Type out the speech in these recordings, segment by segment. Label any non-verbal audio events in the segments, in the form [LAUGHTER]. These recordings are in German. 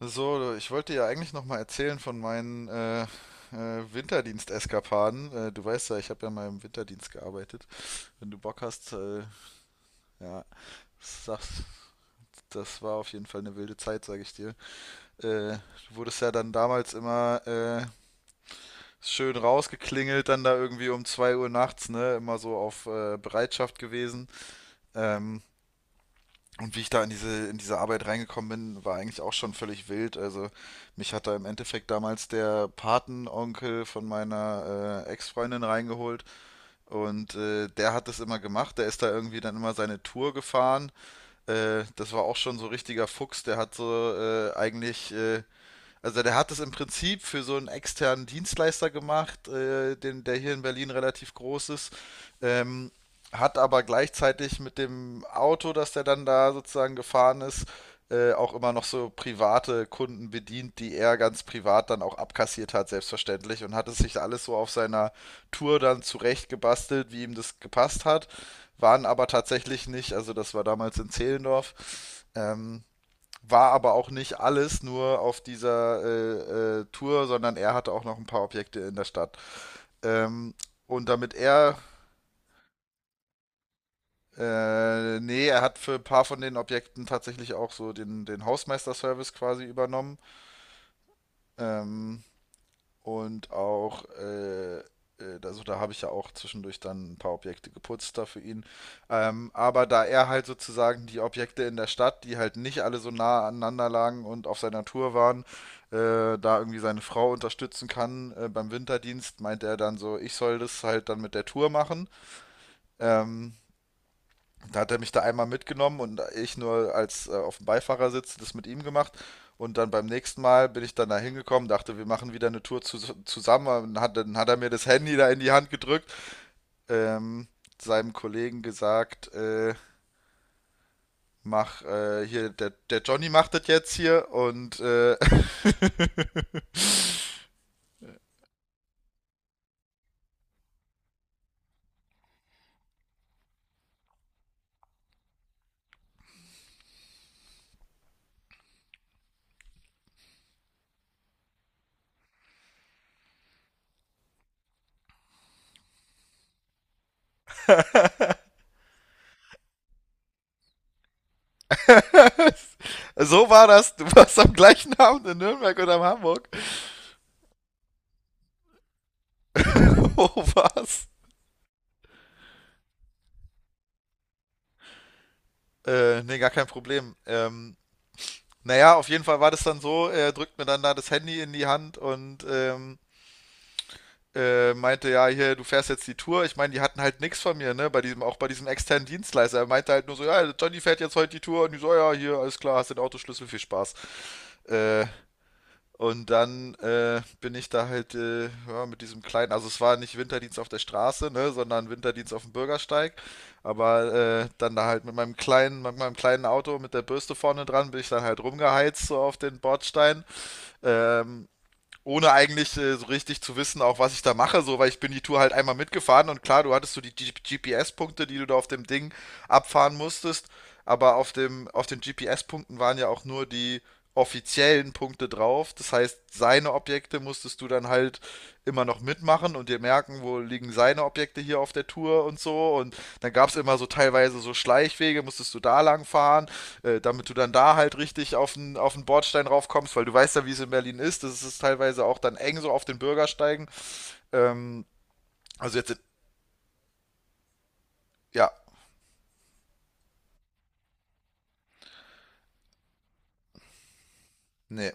So, ich wollte ja eigentlich noch mal erzählen von meinen Winterdienst-Eskapaden. Du weißt ja, ich habe ja mal im Winterdienst gearbeitet. Wenn du Bock hast, ja, das, das war auf jeden Fall eine wilde Zeit, sage ich dir. Du wurdest ja dann damals immer schön rausgeklingelt, dann da irgendwie um 2 Uhr nachts, ne? Immer so auf Bereitschaft gewesen. Ähm, Und wie ich da in diese Arbeit reingekommen bin, war eigentlich auch schon völlig wild. Also mich hat da im Endeffekt damals der Patenonkel von meiner Ex-Freundin reingeholt und der hat das immer gemacht. Der ist da irgendwie dann immer seine Tour gefahren. Das war auch schon so richtiger Fuchs. Der hat so eigentlich also der hat es im Prinzip für so einen externen Dienstleister gemacht, den, der hier in Berlin relativ groß ist, ähm, hat aber gleichzeitig mit dem Auto, das der dann da sozusagen gefahren ist, auch immer noch so private Kunden bedient, die er ganz privat dann auch abkassiert hat, selbstverständlich, und hat es sich alles so auf seiner Tour dann zurechtgebastelt, wie ihm das gepasst hat, waren aber tatsächlich nicht, also das war damals in Zehlendorf, ähm, war aber auch nicht alles nur auf dieser Tour, sondern er hatte auch noch ein paar Objekte in der Stadt. Ähm, und damit er, Nee, er hat für ein paar von den Objekten tatsächlich auch so den Hausmeister-Service quasi übernommen. Ähm, Und auch, äh, äh, also da habe ich ja auch zwischendurch dann ein paar Objekte geputzt da für ihn. Aber da er halt sozusagen die Objekte in der Stadt, die halt nicht alle so nah aneinander lagen und auf seiner Tour waren, da irgendwie seine Frau unterstützen kann beim Winterdienst, meint er dann so, ich soll das halt dann mit der Tour machen. Ähm, Da hat er mich da einmal mitgenommen und ich nur als auf dem Beifahrersitz das mit ihm gemacht. Und dann beim nächsten Mal bin ich dann da hingekommen, dachte, wir machen wieder eine Tour zusammen. Und dann hat er mir das Handy da in die Hand gedrückt, ähm, seinem Kollegen gesagt, mach hier, der Johnny macht das jetzt hier und [LAUGHS] so war das. Du warst am gleichen Abend in Nürnberg oder in Hamburg. [LAUGHS] oh, was? Nee, gar kein Problem. Naja, auf jeden Fall war das dann so, er drückt mir dann da das Handy in die Hand und meinte, ja, hier, du fährst jetzt die Tour. Ich meine, die hatten halt nichts von mir, ne? Bei diesem, auch bei diesem externen Dienstleister. Er meinte halt nur so, ja, Johnny fährt jetzt heute die Tour und die so, ja, hier, alles klar, hast den Autoschlüssel, viel Spaß. Äh, und dann Bin ich da halt ja, mit diesem kleinen, also es war nicht Winterdienst auf der Straße, ne, sondern Winterdienst auf dem Bürgersteig. Aber dann da halt mit meinem kleinen Auto mit der Bürste vorne dran, bin ich dann halt rumgeheizt so auf den Bordstein. Ähm, Ohne eigentlich so richtig zu wissen, auch was ich da mache, so, weil ich bin die Tour halt einmal mitgefahren und klar, du hattest so die GPS-Punkte, die du da auf dem Ding abfahren musstest, aber auf den GPS-Punkten waren ja auch nur die offiziellen Punkte drauf. Das heißt, seine Objekte musstest du dann halt immer noch mitmachen und dir merken, wo liegen seine Objekte hier auf der Tour und so. Und dann gab es immer so teilweise so Schleichwege, musstest du da lang fahren, damit du dann da halt richtig auf den Bordstein raufkommst, weil du weißt ja, wie es in Berlin ist. Das ist teilweise auch dann eng so auf den Bürgersteigen. Ähm, also jetzt, ja, nee.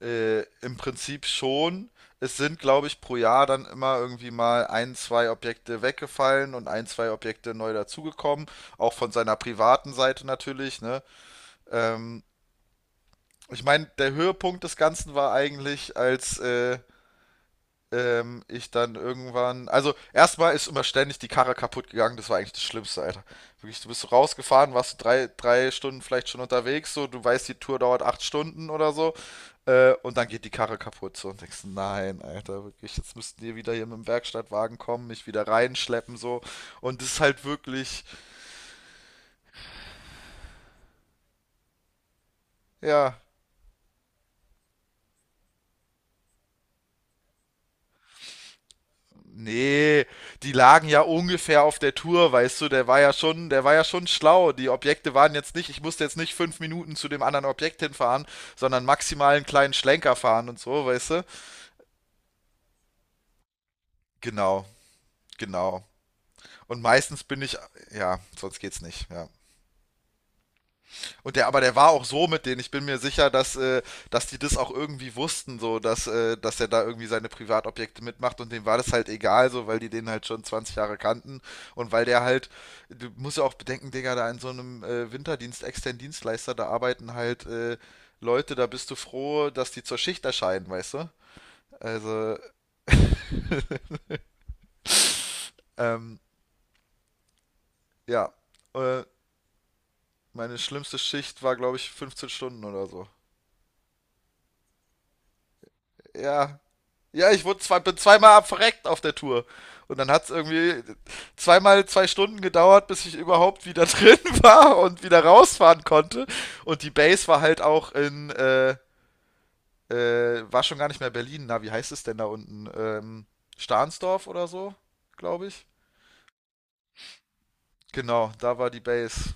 Im Prinzip schon. Es sind, glaube ich, pro Jahr dann immer irgendwie mal ein, zwei Objekte weggefallen und ein, zwei Objekte neu dazugekommen. Auch von seiner privaten Seite natürlich, ne? Ähm, Ich meine, der Höhepunkt des Ganzen war eigentlich, als ich dann irgendwann. Also, erstmal ist immer ständig die Karre kaputt gegangen. Das war eigentlich das Schlimmste, Alter. Wirklich, du bist so rausgefahren, warst so drei Stunden vielleicht schon unterwegs. So, du weißt, die Tour dauert 8 Stunden oder so. Und dann geht die Karre kaputt. So, und denkst, nein, Alter, wirklich, jetzt müssten die wieder hier mit dem Werkstattwagen kommen, mich wieder reinschleppen. So, und das ist halt wirklich, ja, nee, die lagen ja ungefähr auf der Tour, weißt du, der war ja schon schlau. Die Objekte waren jetzt nicht, ich musste jetzt nicht 5 Minuten zu dem anderen Objekt hinfahren, sondern maximal einen kleinen Schlenker fahren und so, weißt du? Genau, genau. Und meistens bin ich, ja, sonst geht's nicht, ja. Und der, aber der war auch so mit denen. Ich bin mir sicher, dass die das auch irgendwie wussten, so, dass er da irgendwie seine Privatobjekte mitmacht und dem war das halt egal, so, weil die den halt schon 20 Jahre kannten und weil der halt, du musst ja auch bedenken, Digga, da in so einem Winterdienst, externen Dienstleister, da arbeiten halt Leute, da bist du froh, dass die zur Schicht erscheinen, weißt du? Also, [LAUGHS] ähm, ja, äh, meine schlimmste Schicht war, glaube ich, 15 Stunden oder so. Ja, Ja, ich wurde zwei, bin zweimal verreckt auf der Tour. Und dann hat es irgendwie zweimal 2 Stunden gedauert, bis ich überhaupt wieder [LAUGHS] drin war und wieder rausfahren konnte. Und die Base war halt auch in, war schon gar nicht mehr Berlin. Na, wie heißt es denn da unten? Stahnsdorf oder so, glaube ich. Genau, da war die Base.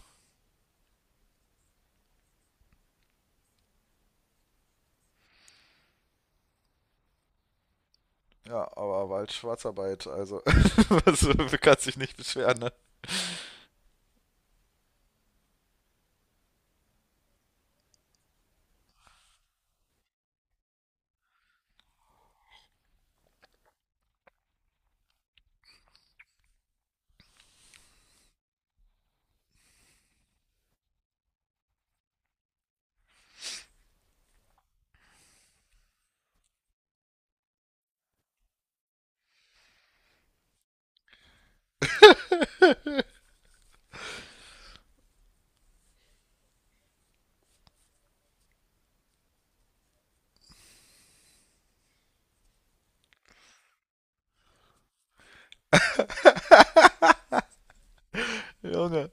Ja, aber war halt Schwarzarbeit, also [LAUGHS] also, man kann sich nicht beschweren, ne? Junge.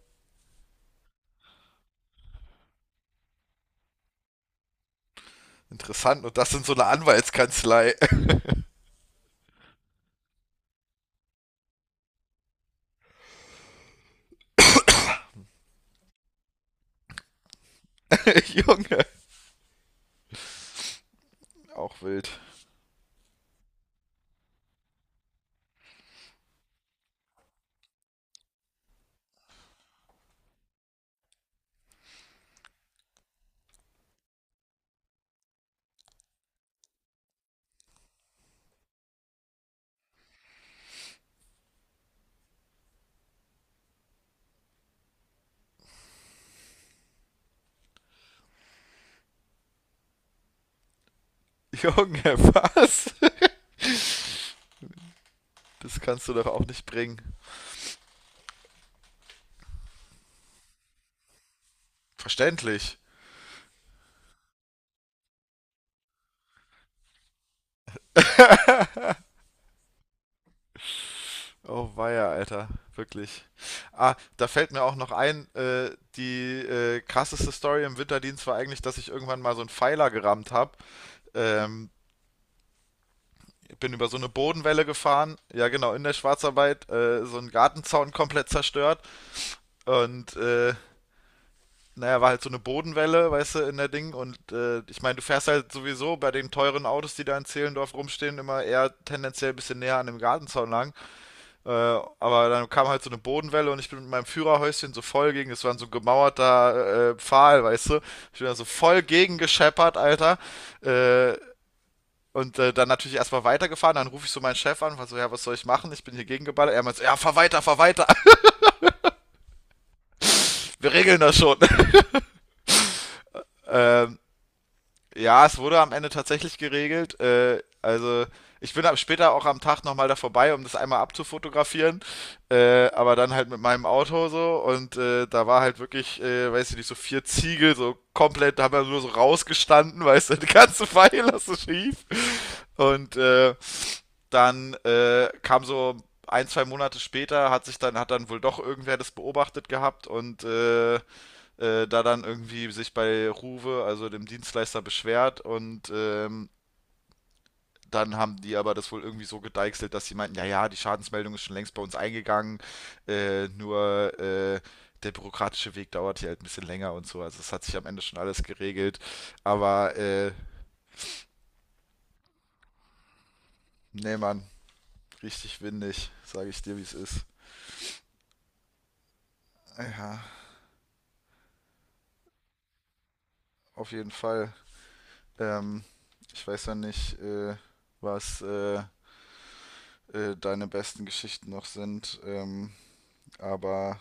Interessant, und das in so einer Anwaltskanzlei. [LAUGHS] Junge. Auch wild. Junge, [LAUGHS] was? Das kannst du doch auch nicht bringen. Verständlich. [LAUGHS] oh weia, Alter. Wirklich. Ah, da fällt mir auch noch ein, die krasseste Story im Winterdienst war eigentlich, dass ich irgendwann mal so einen Pfeiler gerammt habe. Ähm, Bin über so eine Bodenwelle gefahren, ja genau, in der Schwarzarbeit, so einen Gartenzaun komplett zerstört und naja, war halt so eine Bodenwelle, weißt du, in der Ding. Und ich meine, du fährst halt sowieso bei den teuren Autos, die da in Zehlendorf rumstehen, immer eher tendenziell ein bisschen näher an dem Gartenzaun lang. Aber dann kam halt so eine Bodenwelle und ich bin mit meinem Führerhäuschen so voll gegen, das war ein so gemauerter Pfahl, weißt du. Ich bin da so voll gegen gescheppert, Alter. Äh, Dann natürlich erstmal weitergefahren, dann rufe ich so meinen Chef an, war so, ja, was soll ich machen? Ich bin hier gegengeballert. Er meint so, ja, fahr weiter, [LAUGHS] wir regeln das schon. [LAUGHS] ähm, Ja, es wurde am Ende tatsächlich geregelt. Also ich bin ab später auch am Tag nochmal da vorbei, um das einmal abzufotografieren. Aber dann halt mit meinem Auto so und da war halt wirklich, weiß ich nicht, so 4 Ziegel so komplett, da haben wir nur so rausgestanden, [LAUGHS] weißt du, die ganze Pfeile so schief. Und dann Kam so 1, 2 Monate später, hat sich dann, hat dann wohl doch irgendwer das beobachtet gehabt und da dann irgendwie sich bei Ruwe, also dem Dienstleister, beschwert und dann haben die aber das wohl irgendwie so gedeichselt, dass sie meinten, ja, ja, die Schadensmeldung ist schon längst bei uns eingegangen, nur der bürokratische Weg dauert hier halt ein bisschen länger und so. Also es hat sich am Ende schon alles geregelt. Aber nee, Mann, richtig windig, sage ich dir, wie es ist. Ja, auf jeden Fall. Ähm, Ich weiß ja nicht, was deine besten Geschichten noch sind. Aber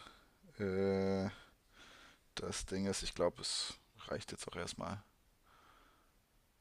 äh, Das Ding ist, ich glaube, es reicht jetzt auch erstmal.